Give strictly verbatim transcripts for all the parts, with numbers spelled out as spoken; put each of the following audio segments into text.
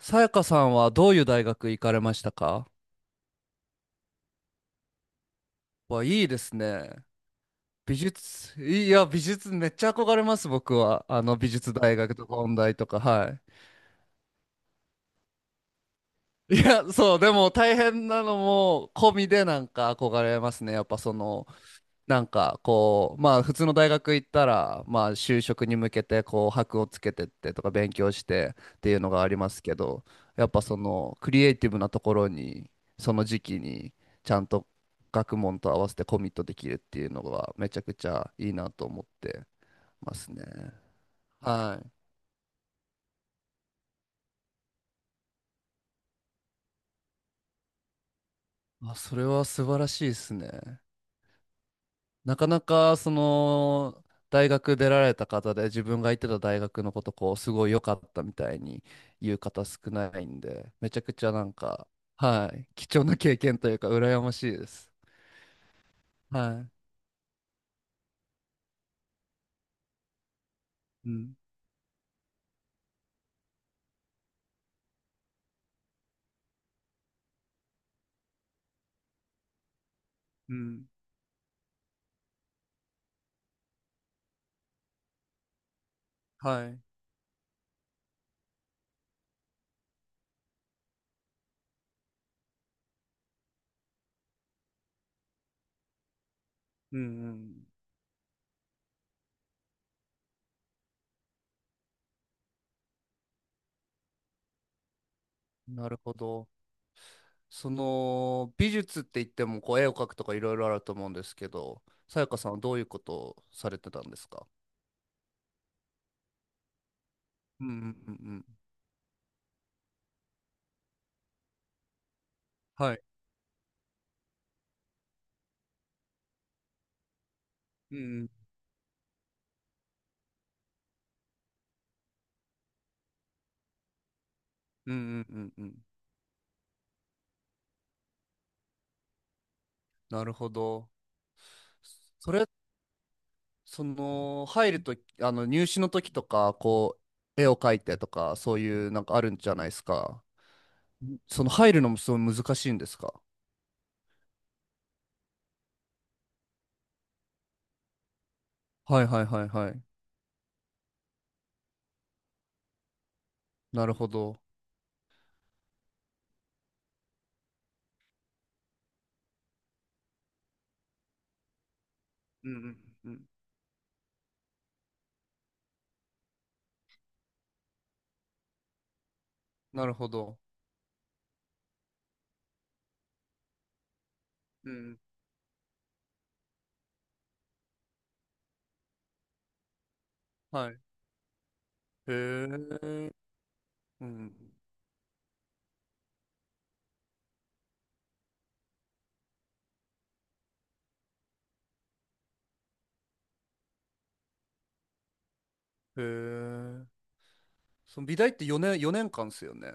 さやかさんはどういう大学行かれましたか？わ、いいですね。美術、いや、美術めっちゃ憧れます、僕は。あの、美術大学とか音大とか、はい。いや、そう、でも大変なのも込みでなんか憧れますね。やっぱその、なんかこうまあ普通の大学行ったらまあ就職に向けてこう箔をつけてってとか勉強してっていうのがありますけど、やっぱそのクリエイティブなところにその時期にちゃんと学問と合わせてコミットできるっていうのがめちゃくちゃいいなと思ってますね。はい。あ、それは素晴らしいですね。なかなかその大学出られた方で自分が行ってた大学のことこうすごい良かったみたいに言う方少ないんでめちゃくちゃなんか、はい、貴重な経験というか羨ましいです。はい。うん。うん。はい。うんうん。なるほど。その美術って言ってもこう絵を描くとかいろいろあると思うんですけど、さやかさんはどういうことをされてたんですか？うんうんうんうん。はい。うんうんうんうんうんうん、なるほど。それ、その、入るとき、あの、入試の時とか、こう、絵を描いてとか、そういう、なんかあるんじゃないですか。その、入るのもすごい難しいんですか。はいはいはいはい。なるほど。うんうんうん、なるほど。うん。はい。へえ。うん。へえ。その美大ってよねん、よねんかんですよね。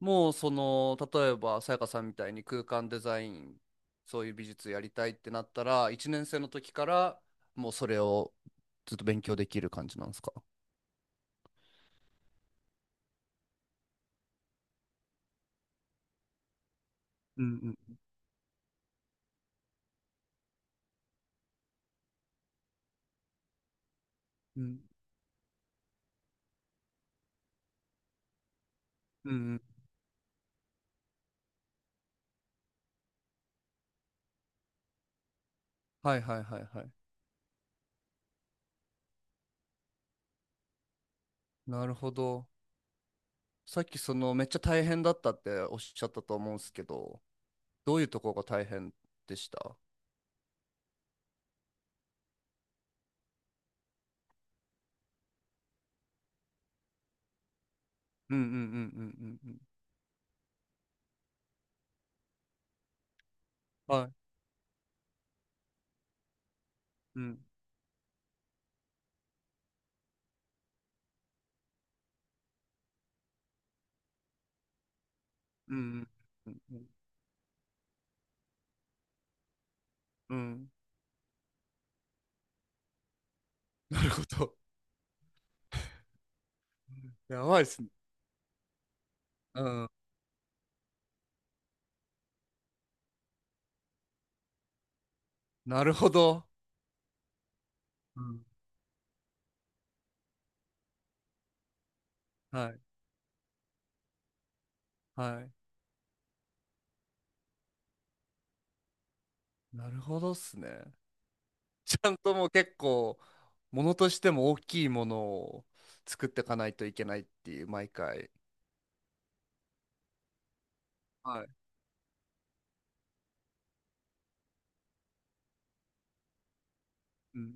もうその例えばさやかさんみたいに空間デザイン、そういう美術やりたいってなったらいちねんせい生の時からもうそれをずっと勉強できる感じなんですか？うんうんうんうんうん、はいはいはいはい、なるほど。さっきそのめっちゃ大変だったっておっしゃったと思うんですけど、どういうとこが大変でした？うんうんうんうんうんうん、はい、うんうんうんうんうんうん、なるほど。 やばいっすね。うん、なるほど。うん。はいはい。なるほどっすね。ちゃんともう結構、ものとしても大きいものを作っていかないといけないっていう、毎回。はい。うん。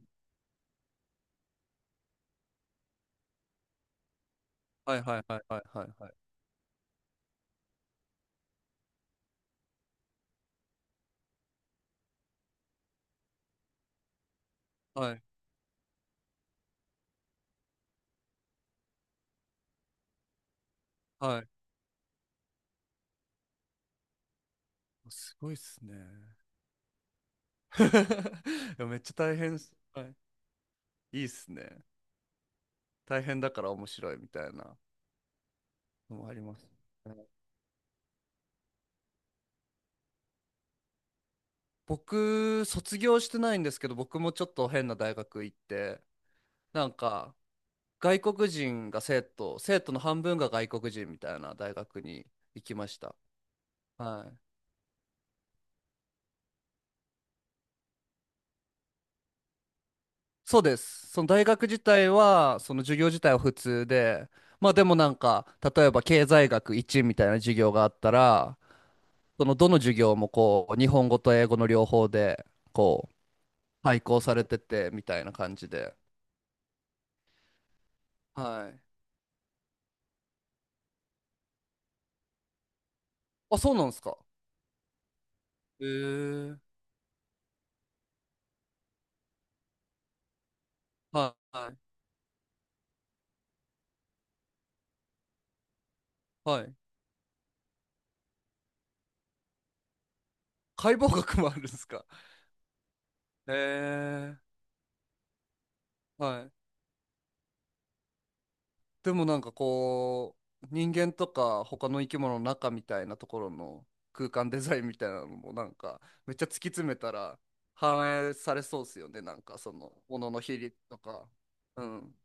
はいはいはいはいはいはい。はい。はい。すごいっすね。いやめっちゃ大変っす。はい。いいっすね。大変だから面白いみたいなのもあります。僕、卒業してないんですけど、僕もちょっと変な大学行って、なんか、外国人が生徒、生徒の半分が外国人みたいな大学に行きました。はい。そうです。その大学自体は、その授業自体は普通で、まあでもなんか、例えば経済学いちみたいな授業があったら、そのどの授業もこう、日本語と英語の両方で、こう、配校されてて、みたいな感じで。はい。あ、そうなんですか。へえ。はい。はい。解剖学もあるんですか。へえ。はい。でもなんかこう人間とか他の生き物の中みたいなところの空間デザインみたいなのもなんかめっちゃ突き詰めたら 反映されそうですよね。なんかそのものの比率とか。うん、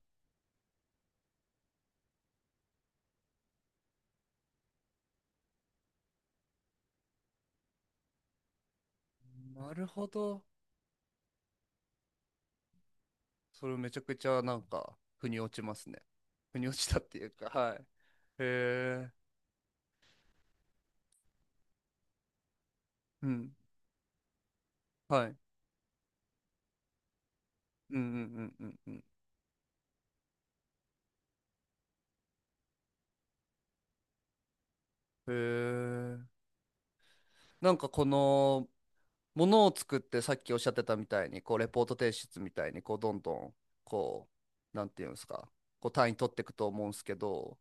なるほど。それめちゃくちゃなんか腑に落ちますね、腑に落ちたっていうか、はい、へえ。うん、はい、うんうんうんうんうん、へえ。なんかこのものを作って、さっきおっしゃってたみたいにこうレポート提出みたいにこうどんどんこう、なんていうんですか、こう単位取っていくと思うんですけど、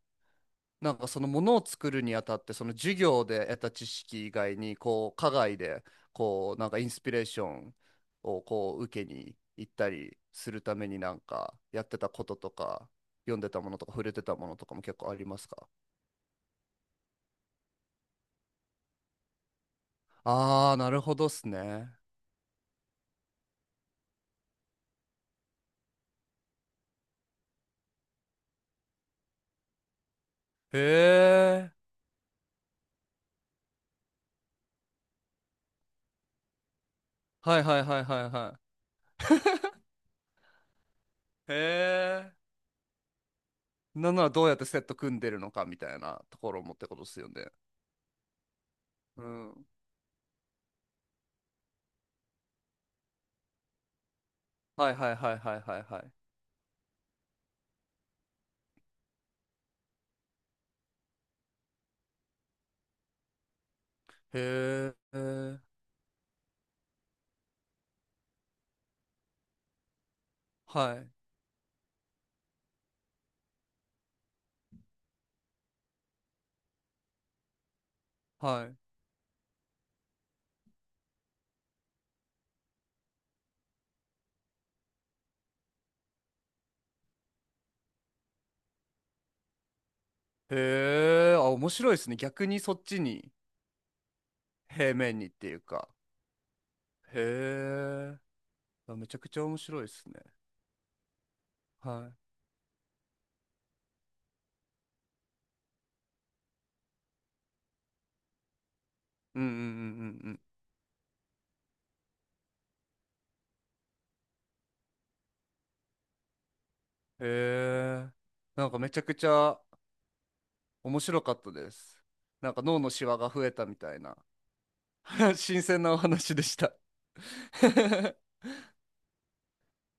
なんかそのものを作るにあたってその授業で得た知識以外にこう課外でこうなんかインスピレーションをこう受けに行ったりするためになんかやってたこととか、読んでたものとか、触れてたものとかも結構ありますか？ああー、なるほどっすね。へえ。はいはいはいはいはい。へえ。なんならどうやってセット組んでるのかみたいなところもってことですよね。うん。はいはいはいはいはいはい。へえ。はいはい。へえ。あ、面白いですね。逆にそっちに平面にっていうか。へえ。あ、めちゃくちゃ面白いですね。はい。うんうんうんうんうん。へえ。なんかめちゃくちゃ面白かったです。なんか脳のシワが増えたみたいな。 新鮮なお話でした。